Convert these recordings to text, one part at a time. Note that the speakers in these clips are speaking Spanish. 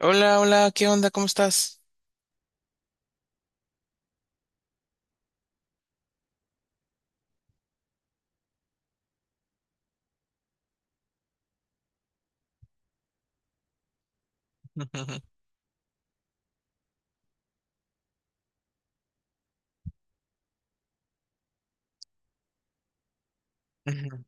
Hola, hola, ¿qué onda? ¿Cómo estás? Ujú.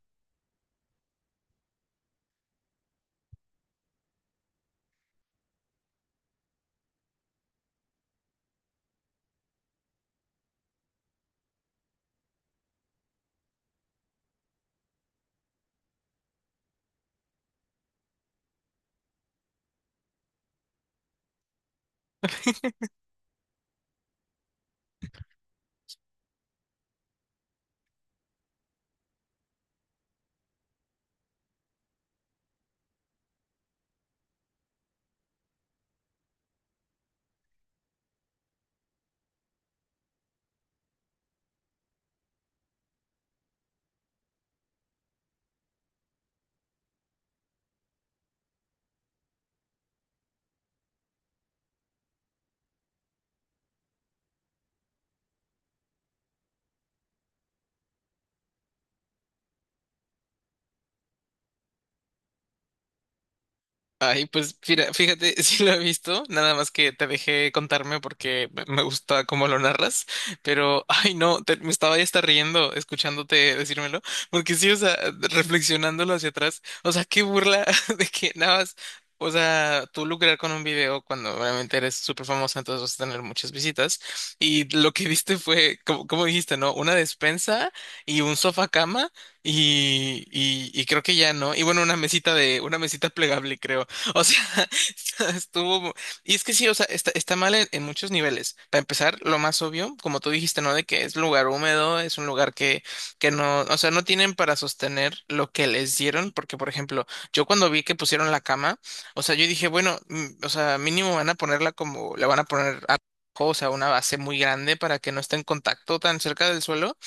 Ay, pues fíjate, sí lo he visto, nada más que te dejé contarme porque me gusta cómo lo narras, pero ay no, me estaba ya hasta riendo escuchándote decírmelo, porque sí, o sea, reflexionándolo hacia atrás, o sea, qué burla de que nada más, o sea, tú lucrar con un video cuando realmente eres súper famosa, entonces vas a tener muchas visitas, y lo que diste fue, como, como dijiste, ¿no? Una despensa y un sofá cama. Y creo que ya, ¿no? Y bueno, una mesita plegable, creo. O sea, estuvo... Y es que sí, o sea, está mal en muchos niveles. Para empezar, lo más obvio, como tú dijiste, ¿no? De que es lugar húmedo, es un lugar que no, o sea, no tienen para sostener lo que les dieron, porque, por ejemplo, yo cuando vi que pusieron la cama, o sea, yo dije, bueno, o sea, mínimo van a ponerla como, la van a poner a... O sea, una base muy grande para que no esté en contacto tan cerca del suelo,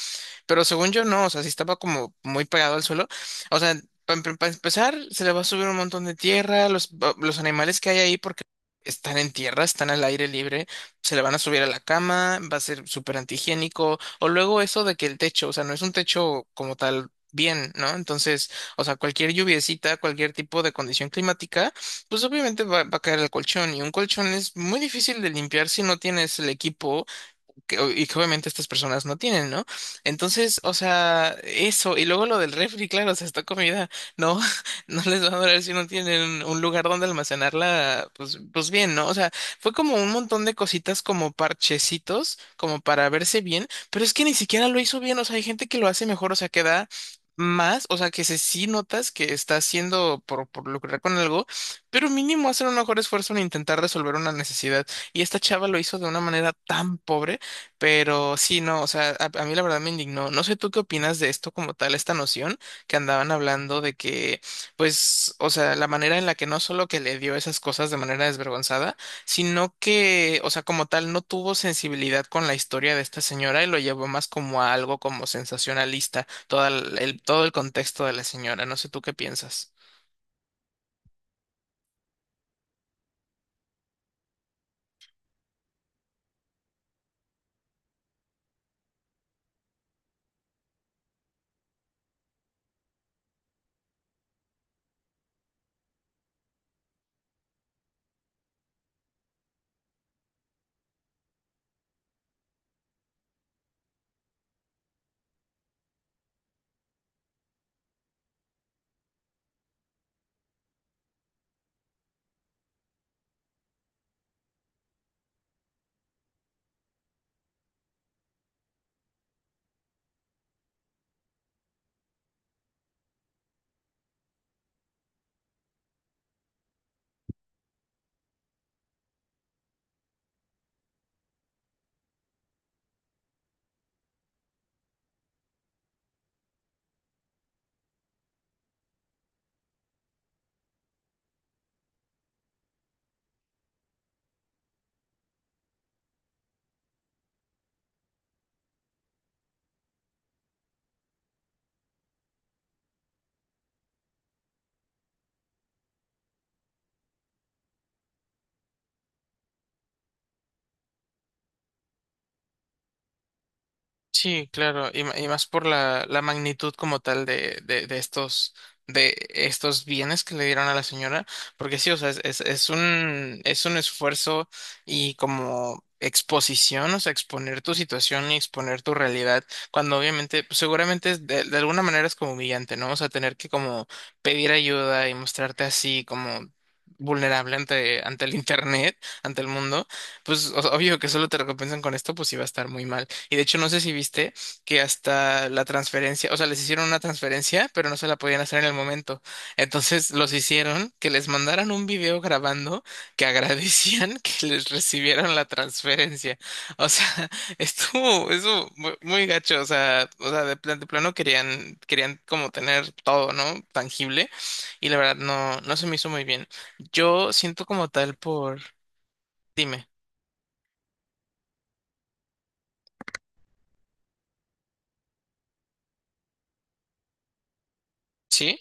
pero según yo no, o sea, si estaba como muy pegado al suelo. O sea, para empezar, se le va a subir un montón de tierra, los animales que hay ahí, porque están en tierra, están al aire libre, se le van a subir a la cama, va a ser súper antihigiénico. O luego eso de que el techo, o sea, no es un techo como tal. Bien, ¿no? Entonces, o sea, cualquier lluviecita, cualquier tipo de condición climática, pues obviamente va a caer el colchón y un colchón es muy difícil de limpiar si no tienes el equipo que y que obviamente estas personas no tienen, ¿no? Entonces, o sea, eso, y luego lo del refri, claro, o sea, esta comida no, no les va a durar si no tienen un lugar donde almacenarla, pues, pues bien, ¿no? O sea, fue como un montón de cositas como parchecitos, como para verse bien, pero es que ni siquiera lo hizo bien, o sea, hay gente que lo hace mejor, o sea, que da más, o sea, que se sí notas que está haciendo por lucrar con algo, pero mínimo hacer un mejor esfuerzo en intentar resolver una necesidad. Y esta chava lo hizo de una manera tan pobre. Pero sí, no, o sea, a mí la verdad me indignó. No sé tú qué opinas de esto como tal, esta noción que andaban hablando de que, pues, o sea, la manera en la que no solo que le dio esas cosas de manera desvergonzada, sino que, o sea, como tal, no tuvo sensibilidad con la historia de esta señora y lo llevó más como a algo como sensacionalista, todo todo el contexto de la señora. No sé tú qué piensas. Sí, claro, y más por la magnitud como tal de estos bienes que le dieron a la señora, porque sí, o sea, es un esfuerzo y como exposición, o sea, exponer tu situación y exponer tu realidad, cuando obviamente, pues, seguramente es de alguna manera es como humillante, ¿no? O sea, tener que como pedir ayuda y mostrarte así como vulnerable ante el internet, ante el mundo. Pues obvio que solo te recompensan con esto, pues iba a estar muy mal. Y de hecho, no sé si viste que hasta la transferencia, o sea, les hicieron una transferencia, pero no se la podían hacer en el momento. Entonces los hicieron que les mandaran un video grabando que agradecían que les recibieron la transferencia. O sea, estuvo, eso muy, muy gacho. O sea, de plano querían como tener todo, ¿no? Tangible. Y la verdad, no, no se me hizo muy bien. Yo siento como tal por. Dime, ¿sí?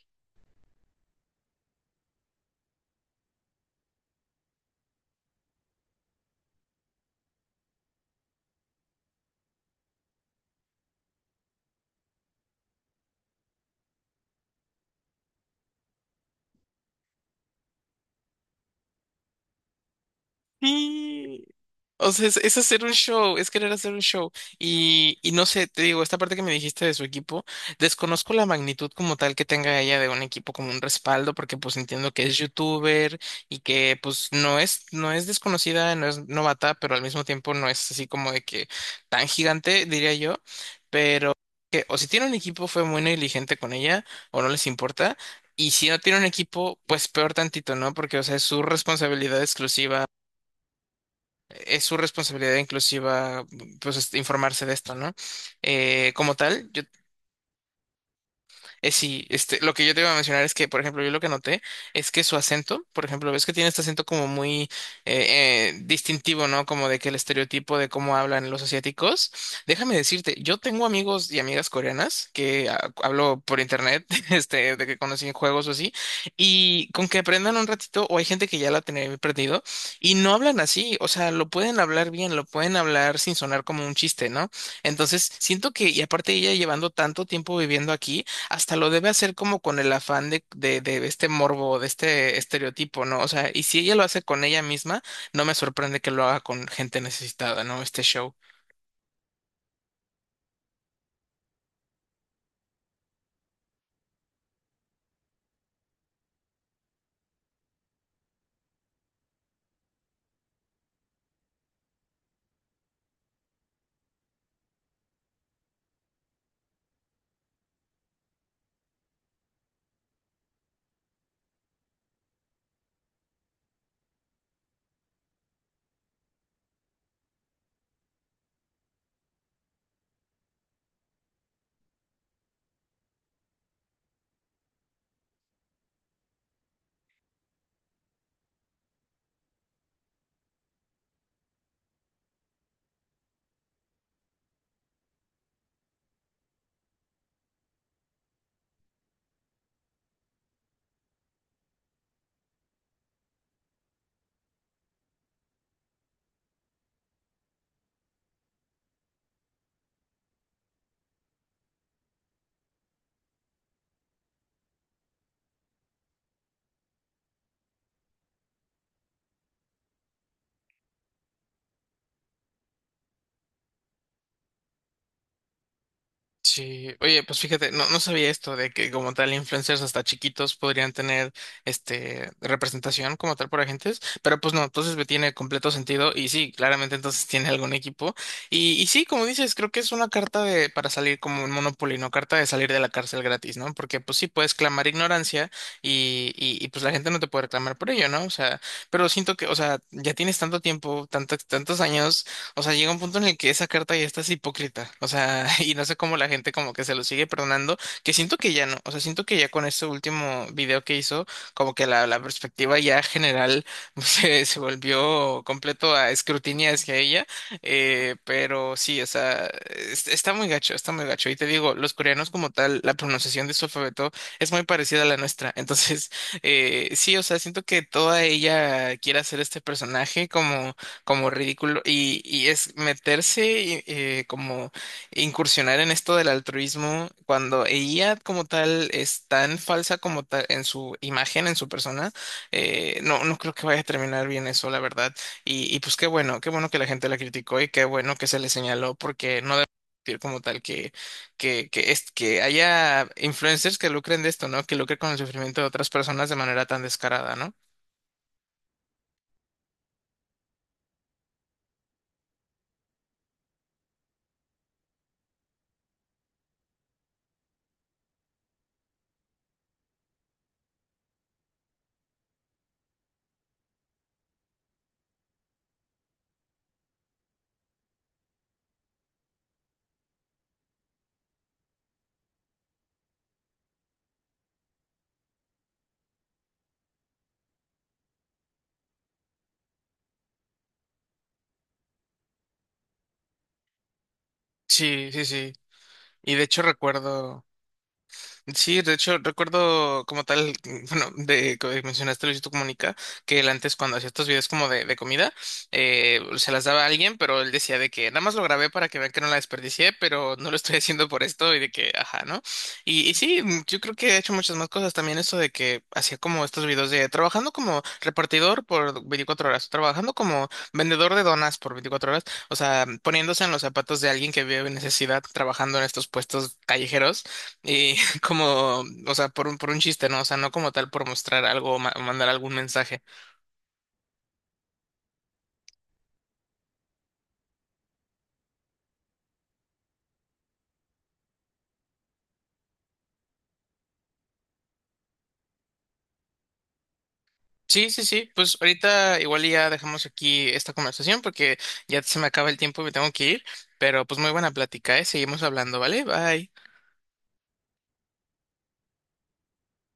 Sí. O sea, es hacer un show, es querer hacer un show. Y no sé, te digo, esta parte que me dijiste de su equipo, desconozco la magnitud como tal que tenga ella de un equipo como un respaldo, porque pues entiendo que es youtuber y que pues no es, no es desconocida, no es novata, pero al mismo tiempo no es así como de que tan gigante, diría yo. Pero que o si tiene un equipo fue muy negligente con ella, o no les importa. Y si no tiene un equipo, pues peor tantito, ¿no? Porque, o sea, es su responsabilidad exclusiva, es su responsabilidad inclusiva, pues, este, informarse de esto, ¿no? Como tal, yo sí, este, lo que yo te iba a mencionar es que, por ejemplo, yo lo que noté es que su acento, por ejemplo, ves que tiene este acento como muy distintivo, ¿no? Como de que el estereotipo de cómo hablan los asiáticos. Déjame decirte, yo tengo amigos y amigas coreanas que ah, hablo por internet, este, de que conocí en juegos o así, y con que aprendan un ratito, o hay gente que ya la tenía perdido, y no hablan así, o sea, lo pueden hablar bien, lo pueden hablar sin sonar como un chiste, ¿no? Entonces, siento que, y aparte ella llevando tanto tiempo viviendo aquí, hasta lo debe hacer como con el afán de este morbo, de este estereotipo, ¿no? O sea, y si ella lo hace con ella misma, no me sorprende que lo haga con gente necesitada, ¿no? Este show. Sí, oye, pues fíjate, no, no sabía esto de que como tal influencers hasta chiquitos podrían tener este representación como tal por agentes, pero pues no, entonces me tiene completo sentido y sí, claramente entonces tiene algún equipo y sí, como dices, creo que es una carta de para salir como un Monopoly, no carta de salir de la cárcel gratis, ¿no? Porque pues sí puedes clamar ignorancia y pues la gente no te puede reclamar por ello, ¿no? O sea, pero siento que, o sea, ya tienes tanto tiempo, tantos años. O sea, llega un punto en el que esa carta ya está es hipócrita. O sea, y no sé cómo la gente como que se lo sigue perdonando, que siento que ya no. O sea, siento que ya con este último video que hizo, como que la perspectiva ya general se volvió completo a escrutinio hacia ella. Pero sí, o sea, está muy gacho, está muy gacho. Y te digo, los coreanos como tal, la pronunciación de su alfabeto es muy parecida a la nuestra. Entonces, sí, o sea, siento que toda ella quiere hacer este personaje como como ridículo y es meterse y, como incursionar en esto del altruismo cuando ella como tal es tan falsa como tal en su imagen, en su persona, no, no creo que vaya a terminar bien eso, la verdad. Y pues qué bueno que la gente la criticó y qué bueno que se le señaló porque no debe existir como tal que, es, que haya influencers que lucren de esto, ¿no? Que lucren con el sufrimiento de otras personas de manera tan descarada, ¿no? Sí, sí, sí. Y de hecho recuerdo... Sí, de hecho, recuerdo como tal, mm, bueno, de que mencionaste Luisito Comunica, que él antes cuando hacía estos videos como de comida, se las daba a alguien, pero él decía de que nada más lo grabé para que vean que no la desperdicié, pero no lo estoy haciendo por esto y de que, ajá, ¿no? Y sí, mm, yo creo que he hecho muchas más cosas también, eso de que hacía como estos videos de trabajando como repartidor por 24 horas, trabajando como vendedor de donas por 24 horas, o sea, poniéndose en los zapatos de alguien que vive en necesidad, trabajando en estos puestos callejeros como, o sea, por un chiste, ¿no? O sea, no como tal por mostrar algo o o mandar algún mensaje. Sí, sí, sí, pues ahorita igual y ya dejamos aquí esta conversación porque ya se me acaba el tiempo y me tengo que ir, pero pues muy buena plática, ¿eh? Seguimos hablando, ¿vale? Bye.